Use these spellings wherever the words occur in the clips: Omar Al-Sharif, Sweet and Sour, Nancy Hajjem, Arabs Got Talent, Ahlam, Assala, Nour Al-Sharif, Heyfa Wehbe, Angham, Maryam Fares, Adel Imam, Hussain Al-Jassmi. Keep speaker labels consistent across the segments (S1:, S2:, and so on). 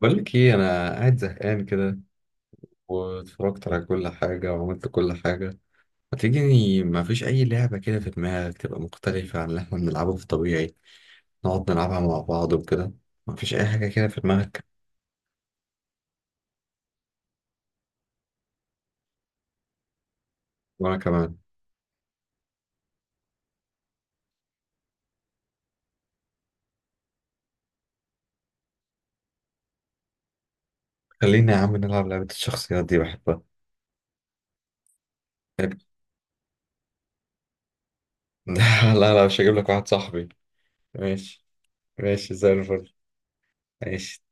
S1: بقول لك ايه، انا قاعد زهقان كده، واتفرجت على كل حاجه وعملت كل حاجه. ما تيجي، ما فيش اي لعبه كده في دماغك تبقى مختلفه عن اللي احنا بنلعبه في الطبيعي، نقعد نلعبها مع بعض وكده؟ ما فيش اي حاجه كده في دماغك؟ وانا كمان. خلينا يا عم نلعب لعبه الشخصيات دي، بحبها. تحب- لا لا لا، مش هجيب لك واحد صاحبي. ماشي. ماشي زي الفل. ماشي.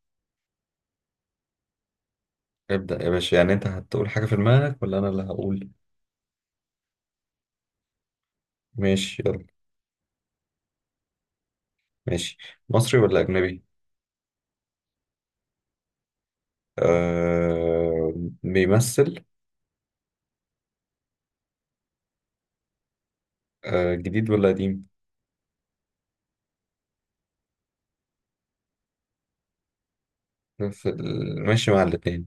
S1: ابدأ يا باشا، يعني انت هتقول حاجه في دماغك ولا انا اللي هقول؟ ماشي يلا. ماشي. مصري ولا اجنبي؟ آه. بيمثل. آه، جديد ولا قديم؟ ماشي مع الاتنين.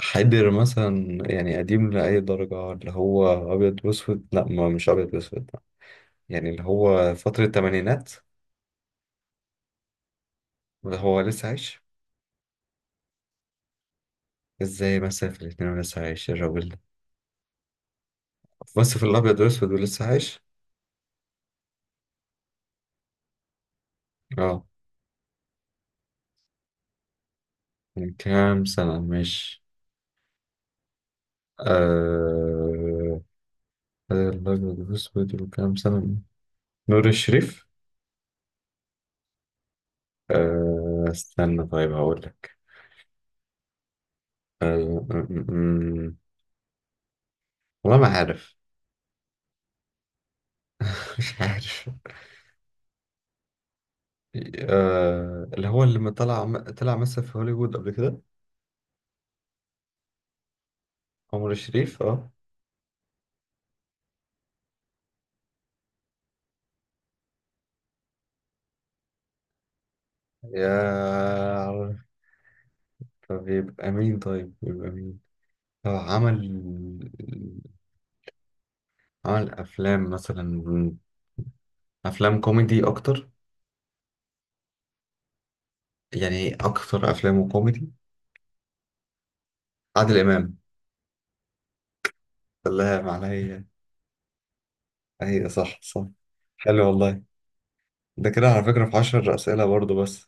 S1: حيدر مثلا، يعني قديم لأي درجة؟ اللي هو أبيض وأسود؟ لا، ما مش أبيض وأسود، يعني اللي هو فترة التمانينات، اللي هو لسه عايش. ازاي مثلا في الاتنين ولسه عايش الراجل ده، بس في الأبيض وأسود ولسه عايش؟ اه. من كام سنة مش... آه، الأبيض وأسود وكام سنة. نور الشريف؟ آه استنى، طيب هقول لك. أه، أمم، والله ما عارف. مش عارف. أه، اللي هو اللي ما طلع، طلع مثل في هوليوود قبل كده. عمر الشريف. اه. يا عارف. طب يبقى مين؟ طيب يبقى مين؟ هو عمل أفلام مثلا. أفلام كوميدي أكتر، يعني أكتر أفلامه كوميدي. عادل إمام. الله، معناها هي. هي صح، صح. حلو والله. ده كده على فكرة في عشر أسئلة برضه بس.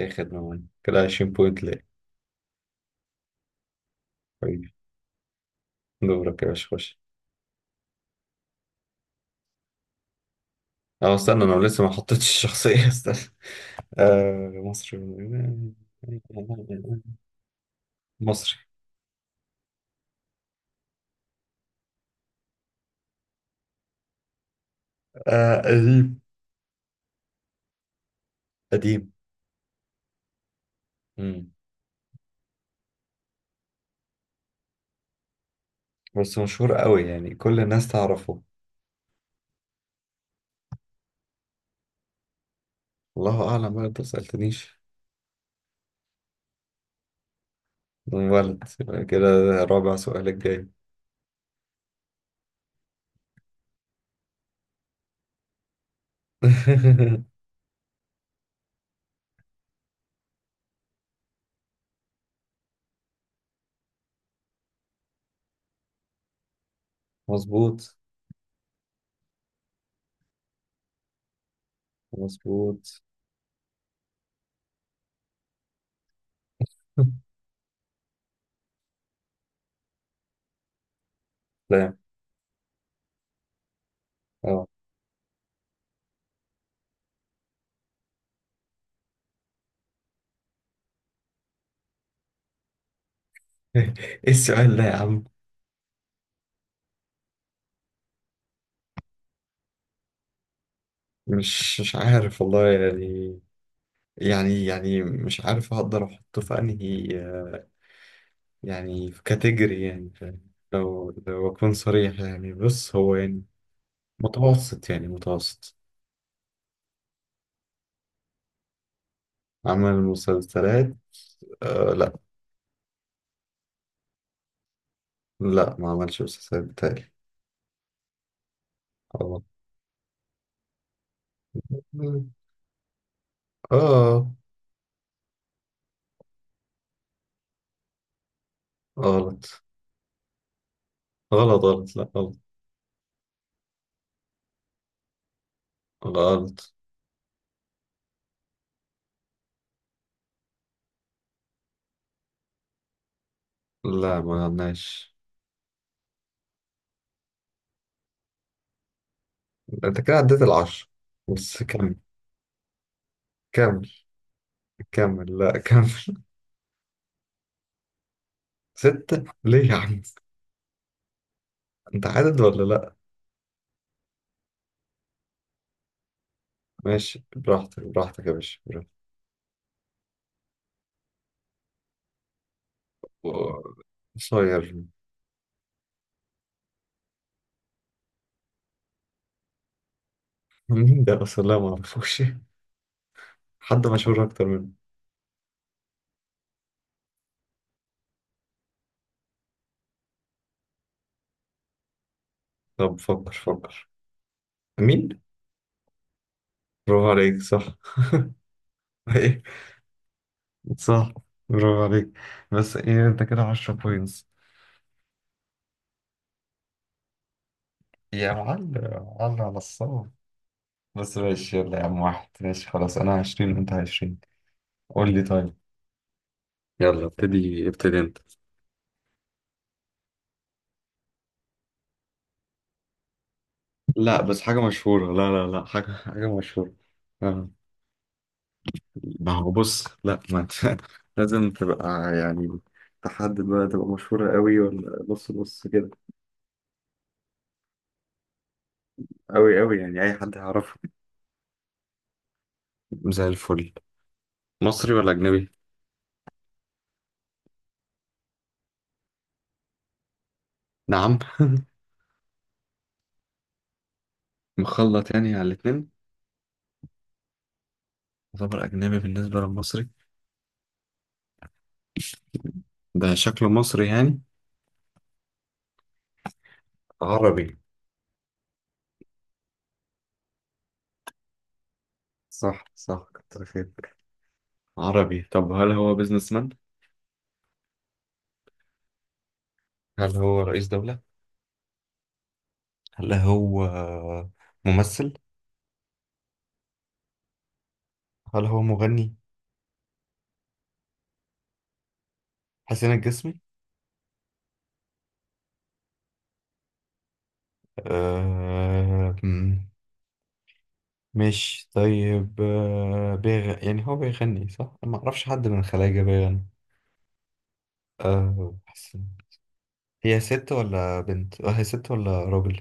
S1: أي خدمة والله. كده 20 بوينت ليه. دورك يا باشا، خش. اه استنى، انا لسه ما حطيتش الشخصية استنى. آه مصري. مصري. آه قديم. قديم. مم. بس مشهور قوي، يعني كل الناس تعرفه. الله اعلم بقى، انت ما سألتنيش. ولد يبقى كده. رابع سؤال الجاي. مظبوط. مظبوط. لا. اه. ايه السؤال ده يا عم. مش عارف والله، يعني. يعني مش عارف هقدر احطه في انهي، يعني في كاتيجوري، يعني فاهم. لو أكون صريح، يعني بص هو يعني متوسط، يعني متوسط. عمل مسلسلات. آه لا. لا، ما عملش مسلسلات بتاعي. غلط. آه غلط، غلط، غلط. لا غلط. غلط. لا، ما عملناش. أنت كده عديت العشرة. بس كمل. كمل. كمل، لا كمل. ستة ليه يا عم. أنت عدد ولا لا؟ ماشي، براحتك، براحتك يا باشا، براحتك. و- قصير. مين ده اصلا؟ لا ما اعرفوش. حد مشهور اكتر منه. طب فكر، فكر. مين. برافو عليك، صح. ايه. صح. برافو عليك. بس ايه انت كده 10 بوينتس. يا معلم. معلم على الصواب. بس ماشي يلا يا عم، واحد ماشي، خلاص انا 20 وانت 20. قول لي طيب. يلا ابتدي، ابتدي انت. لا بس حاجة مشهورة، لا لا لا، حاجة مشهورة. آه، ما هو بص، لا ما انت لازم تبقى، يعني تحدد بقى، تبقى مشهورة قوي ولا نص نص كده. أوي أوي، يعني أي حد هيعرفه. زي الفل. مصري ولا أجنبي؟ نعم. مخلط، يعني على الاتنين. يعتبر أجنبي بالنسبة للمصري. ده شكله مصري يعني. عربي. صح، صح. كتر خيرك. عربي. طب هل هو بيزنس مان؟ هل هو رئيس دولة؟ هل هو ممثل؟ هل هو مغني؟ حسين الجسمي؟ آه... مم، مش طيب. بيغ... يعني هو بيغني صح؟ أنا ما أعرفش حد من الخلايجة بيغني. حسين. هي ست ولا بنت؟ هي ست ولا راجل؟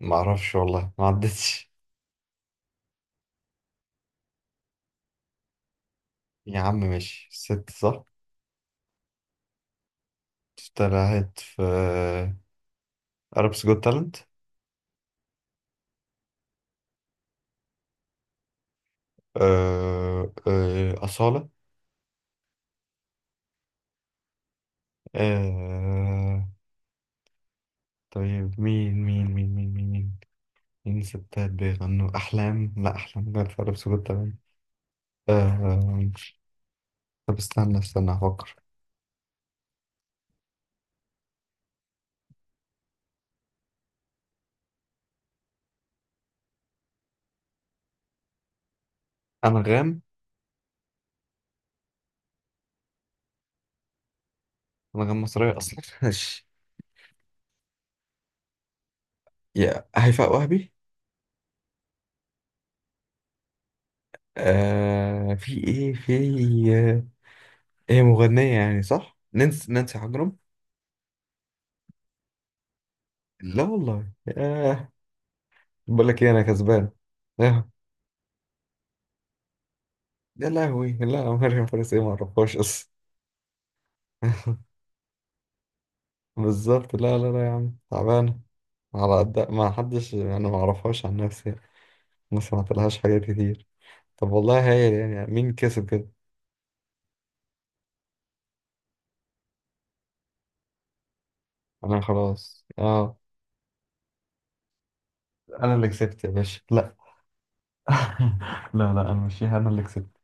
S1: ما اعرفش والله، ما عدتش. يا عم ماشي. ست، صح. طلعت في Arabs Got Talent؟ أصالة؟ آه، طيب مين؟ مين مين مين مين مين مين ستات بيغنوا؟ أحلام؟ لا أحلام غير في Arabs Got Talent. آه، آه، طب استنى، استنى أفكر. أنغام. أنغام مصرية أصلا ماشي. يا هيفاء وهبي. في ايه؟ في... هي مغنية يعني صح؟ نانسي حجرم؟ لا والله، ياه. بقول لك ايه، انا كسبان. ياه. يا لهوي، لا مريم فارس ايه، ما اعرفهاش اصلا. بالظبط، لا لا لا يا عم، تعبانة. على قد ما حدش، انا ما اعرفهاش عن نفسي يعني. ما سمعت لهاش حاجات كتير. طب والله هايل، يعني مين كسب كده؟ انا خلاص، اه. انا اللي كسبت يا باشا. لا. لا لا، انا مش انا اللي كسبت.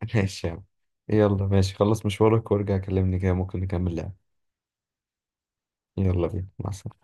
S1: ماشي يا عم. يلا ماشي، خلص مشوارك وارجع كلمني كده ممكن نكمل لعب. يلا بينا، مع السلامة.